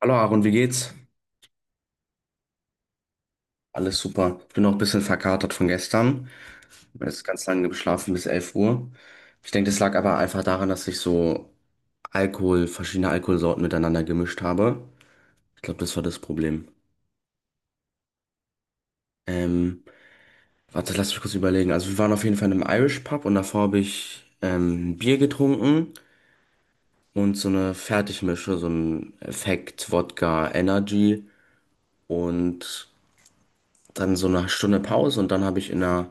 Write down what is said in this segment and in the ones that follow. Hallo Aaron, wie geht's? Alles super. Ich bin noch ein bisschen verkatert von gestern. Ich habe jetzt ganz lange geschlafen bis 11 Uhr. Ich denke, das lag aber einfach daran, dass ich so Alkohol, verschiedene Alkoholsorten miteinander gemischt habe. Ich glaube, das war das Problem. Ähm, warte, lass mich kurz überlegen. Also wir waren auf jeden Fall in einem Irish Pub und davor habe ich ein Bier getrunken und so eine Fertigmische, so ein Effekt, Wodka, Energy und dann so eine Stunde Pause und dann habe ich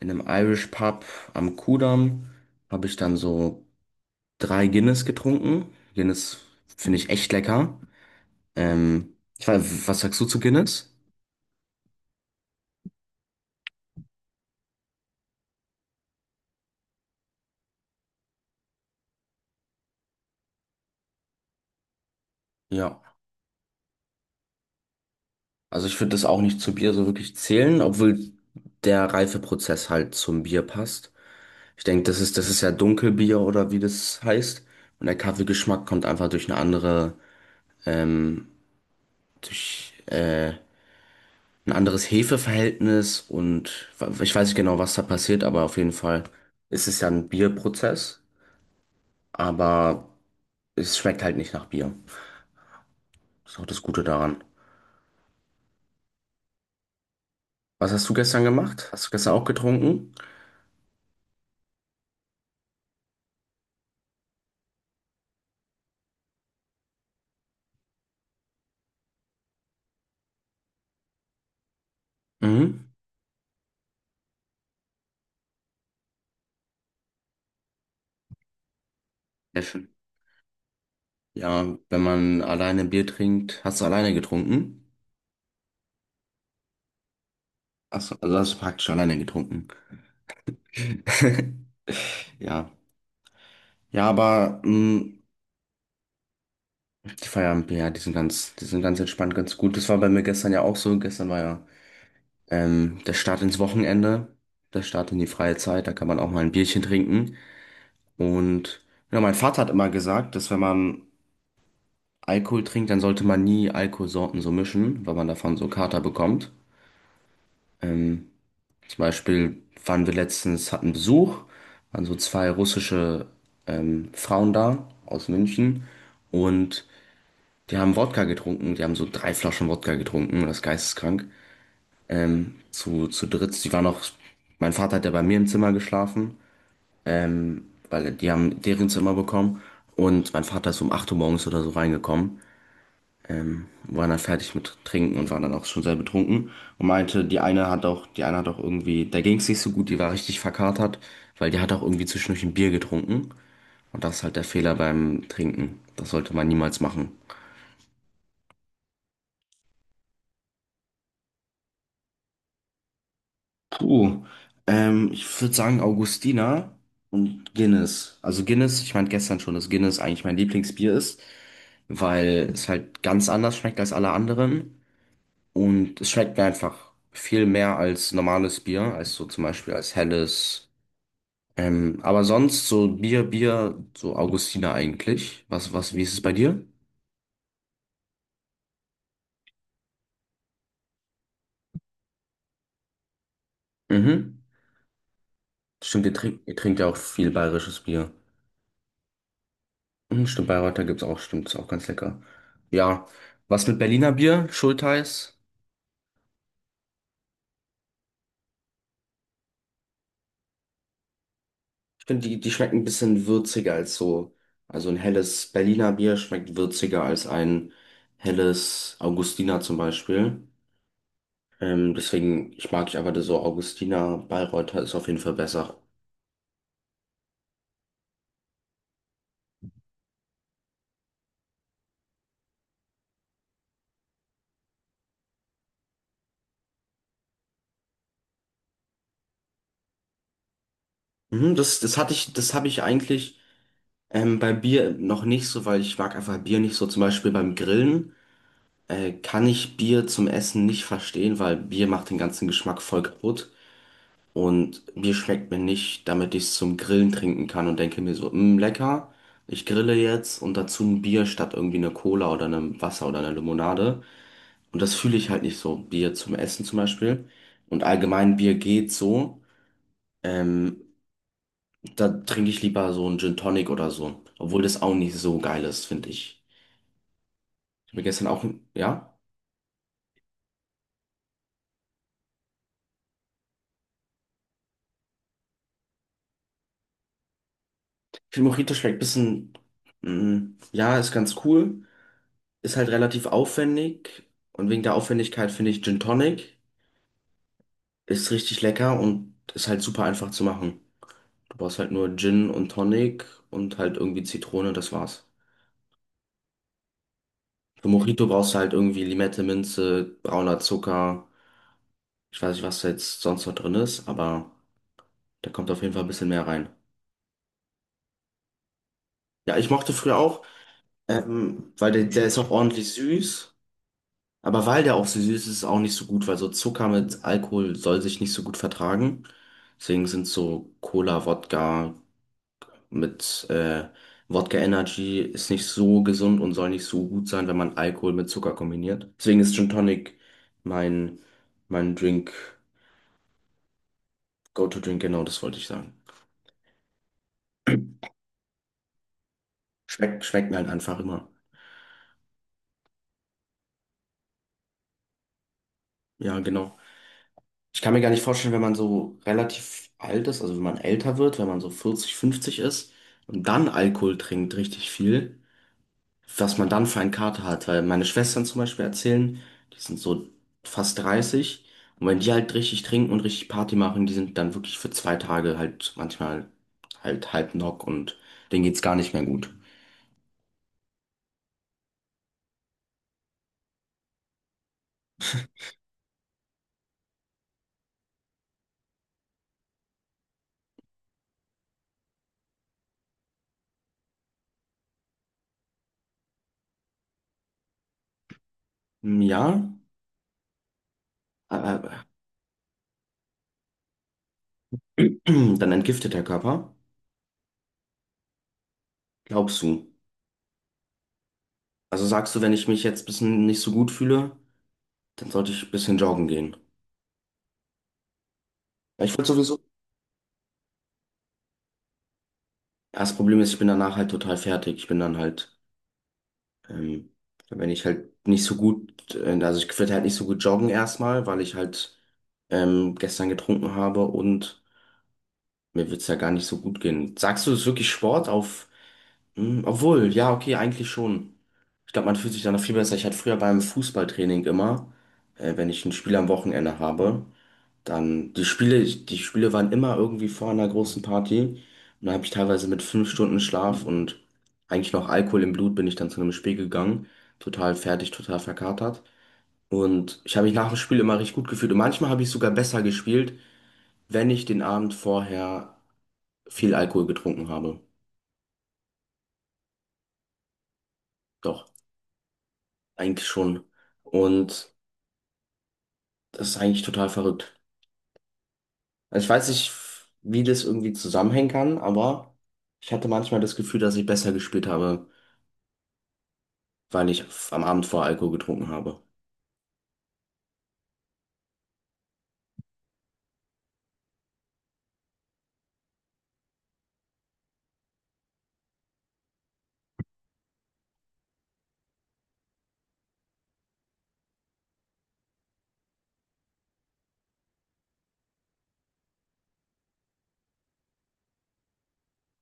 in einem Irish Pub am Kudamm habe ich dann so drei Guinness getrunken. Guinness finde ich echt lecker. Ich weiß, was sagst du zu Guinness? Ja, also ich würde das auch nicht zu Bier so wirklich zählen, obwohl der Reifeprozess halt zum Bier passt. Ich denke, das ist ja Dunkelbier oder wie das heißt. Und der Kaffeegeschmack kommt einfach durch eine andere, ähm, durch ein anderes Hefeverhältnis und ich weiß nicht genau, was da passiert, aber auf jeden Fall ist es ja ein Bierprozess, aber es schmeckt halt nicht nach Bier. Das ist auch das Gute daran. Was hast du gestern gemacht? Hast du gestern auch getrunken? Mhm. Sehr schön. Ja, wenn man alleine Bier trinkt, hast du alleine getrunken? Achso, also hast du praktisch alleine getrunken. Ja. Ja, aber mh, die Feierabendbier, ja, die sind ganz entspannt, ganz gut. Das war bei mir gestern ja auch so. Gestern war ja der Start ins Wochenende, der Start in die freie Zeit, da kann man auch mal ein Bierchen trinken. Und ja, mein Vater hat immer gesagt, dass wenn man Alkohol trinkt, dann sollte man nie Alkoholsorten so mischen, weil man davon so Kater bekommt. Ähm, zum Beispiel waren wir letztens, hatten Besuch, waren so zwei russische Frauen da aus München und die haben Wodka getrunken, die haben so drei Flaschen Wodka getrunken, das ist geisteskrank. Zu dritt, die waren auch, mein Vater hat ja bei mir im Zimmer geschlafen, weil die haben deren Zimmer bekommen und mein Vater ist um 8 Uhr morgens oder so reingekommen, war dann fertig mit Trinken und war dann auch schon sehr betrunken und meinte, die eine hat auch irgendwie, der ging es nicht so gut, die war richtig verkatert, weil die hat auch irgendwie zwischendurch ein Bier getrunken und das ist halt der Fehler beim Trinken. Das sollte man niemals machen. Puh, ich würde sagen Augustiner und Guinness. Also Guinness, ich meinte gestern schon, dass Guinness eigentlich mein Lieblingsbier ist, weil es halt ganz anders schmeckt als alle anderen. Und es schmeckt mir einfach viel mehr als normales Bier, als so zum Beispiel als helles. Aber sonst so so Augustiner eigentlich. Wie ist es bei dir? Mhm. Stimmt, ihr trinkt ja auch viel bayerisches Bier. Mhm, stimmt, Bayreuther gibt's auch, stimmt, ist auch ganz lecker. Ja, was mit Berliner Bier? Schultheiß? Stimmt, die schmecken ein bisschen würziger als so. Also ein helles Berliner Bier schmeckt würziger als ein helles Augustiner zum Beispiel. Deswegen, ich mag ich aber das so Augustiner Bayreuther ist auf jeden Fall besser. Mhm, das habe ich eigentlich bei Bier noch nicht so, weil ich mag einfach Bier nicht so. Zum Beispiel beim Grillen kann ich Bier zum Essen nicht verstehen, weil Bier macht den ganzen Geschmack voll kaputt. Und Bier schmeckt mir nicht, damit ich es zum Grillen trinken kann und denke mir so, mh, lecker, ich grille jetzt und dazu ein Bier statt irgendwie eine Cola oder einem Wasser oder einer Limonade. Und das fühle ich halt nicht so. Bier zum Essen zum Beispiel. Und allgemein Bier geht so. Ähm, da trinke ich lieber so einen Gin Tonic oder so. Obwohl das auch nicht so geil ist, finde ich. Ich habe mir gestern auch, ja. Ich finde Mojito schmeckt ein bisschen, ja, ist ganz cool. Ist halt relativ aufwendig. Und wegen der Aufwendigkeit finde ich Gin Tonic ist richtig lecker und ist halt super einfach zu machen. Du brauchst halt nur Gin und Tonic und halt irgendwie Zitrone, das war's. Für Mojito brauchst du halt irgendwie Limette, Minze, brauner Zucker. Ich weiß nicht, was da jetzt sonst noch drin ist, aber da kommt auf jeden Fall ein bisschen mehr rein. Ja, ich mochte früher auch, weil der ist auch ordentlich süß. Aber weil der auch so süß ist, ist es auch nicht so gut, weil so Zucker mit Alkohol soll sich nicht so gut vertragen. Deswegen sind so Cola, Wodka mit Wodka Energy ist nicht so gesund und soll nicht so gut sein, wenn man Alkohol mit Zucker kombiniert. Deswegen ist Gin Tonic mein, mein Drink. Go-to-Drink, genau, das wollte ich sagen. Schmeckt mir halt einfach immer. Ja, genau. Ich kann mir gar nicht vorstellen, wenn man so relativ alt ist, also wenn man älter wird, wenn man so 40, 50 ist und dann Alkohol trinkt, richtig viel, was man dann für einen Kater hat. Weil meine Schwestern zum Beispiel erzählen, die sind so fast 30 und wenn die halt richtig trinken und richtig Party machen, die sind dann wirklich für 2 Tage halt manchmal halt halb knock und denen geht's gar nicht mehr gut. Hm, ja, aber dann entgiftet der Körper. Glaubst du? Also sagst du, wenn ich mich jetzt ein bisschen nicht so gut fühle, dann sollte ich ein bisschen joggen gehen. Ja, ich würde sowieso. Ja, das Problem ist, ich bin danach halt total fertig. Ich bin dann halt, ähm, wenn ich halt nicht so gut, also ich würde halt nicht so gut joggen erstmal, weil ich halt gestern getrunken habe und mir wird's ja gar nicht so gut gehen. Sagst du, es ist wirklich Sport auf, obwohl, ja, okay, eigentlich schon. Ich glaube, man fühlt sich dann noch viel besser. Ich hatte früher beim Fußballtraining immer, wenn ich ein Spiel am Wochenende habe. Dann die Spiele waren immer irgendwie vor einer großen Party. Und da habe ich teilweise mit 5 Stunden Schlaf und eigentlich noch Alkohol im Blut bin ich dann zu einem Spiel gegangen. Total fertig, total verkatert. Und ich habe mich nach dem Spiel immer richtig gut gefühlt. Und manchmal habe ich sogar besser gespielt, wenn ich den Abend vorher viel Alkohol getrunken habe. Doch, eigentlich schon. Und das ist eigentlich total verrückt. Also ich weiß nicht, wie das irgendwie zusammenhängen kann, aber ich hatte manchmal das Gefühl, dass ich besser gespielt habe, weil ich am Abend vorher Alkohol getrunken habe.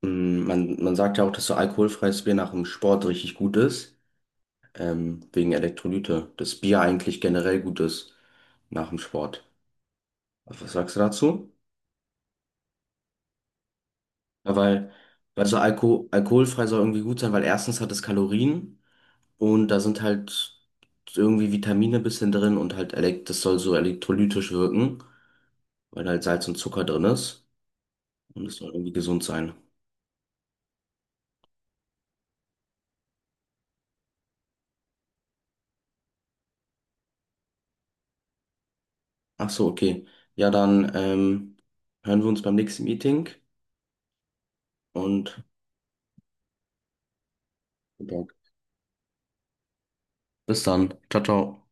Man sagt ja auch, dass so alkoholfreies Bier nach dem Sport richtig gut ist, wegen Elektrolyte. Dass Bier eigentlich generell gut ist nach dem Sport. Was sagst du dazu? Ja, weil so alkoholfrei soll irgendwie gut sein, weil erstens hat es Kalorien und da sind halt irgendwie Vitamine ein bisschen drin und halt elek das soll so elektrolytisch wirken, weil halt Salz und Zucker drin ist und es soll irgendwie gesund sein. Ach so, okay. Ja, dann hören wir uns beim nächsten Meeting und bis dann. Ciao, ciao.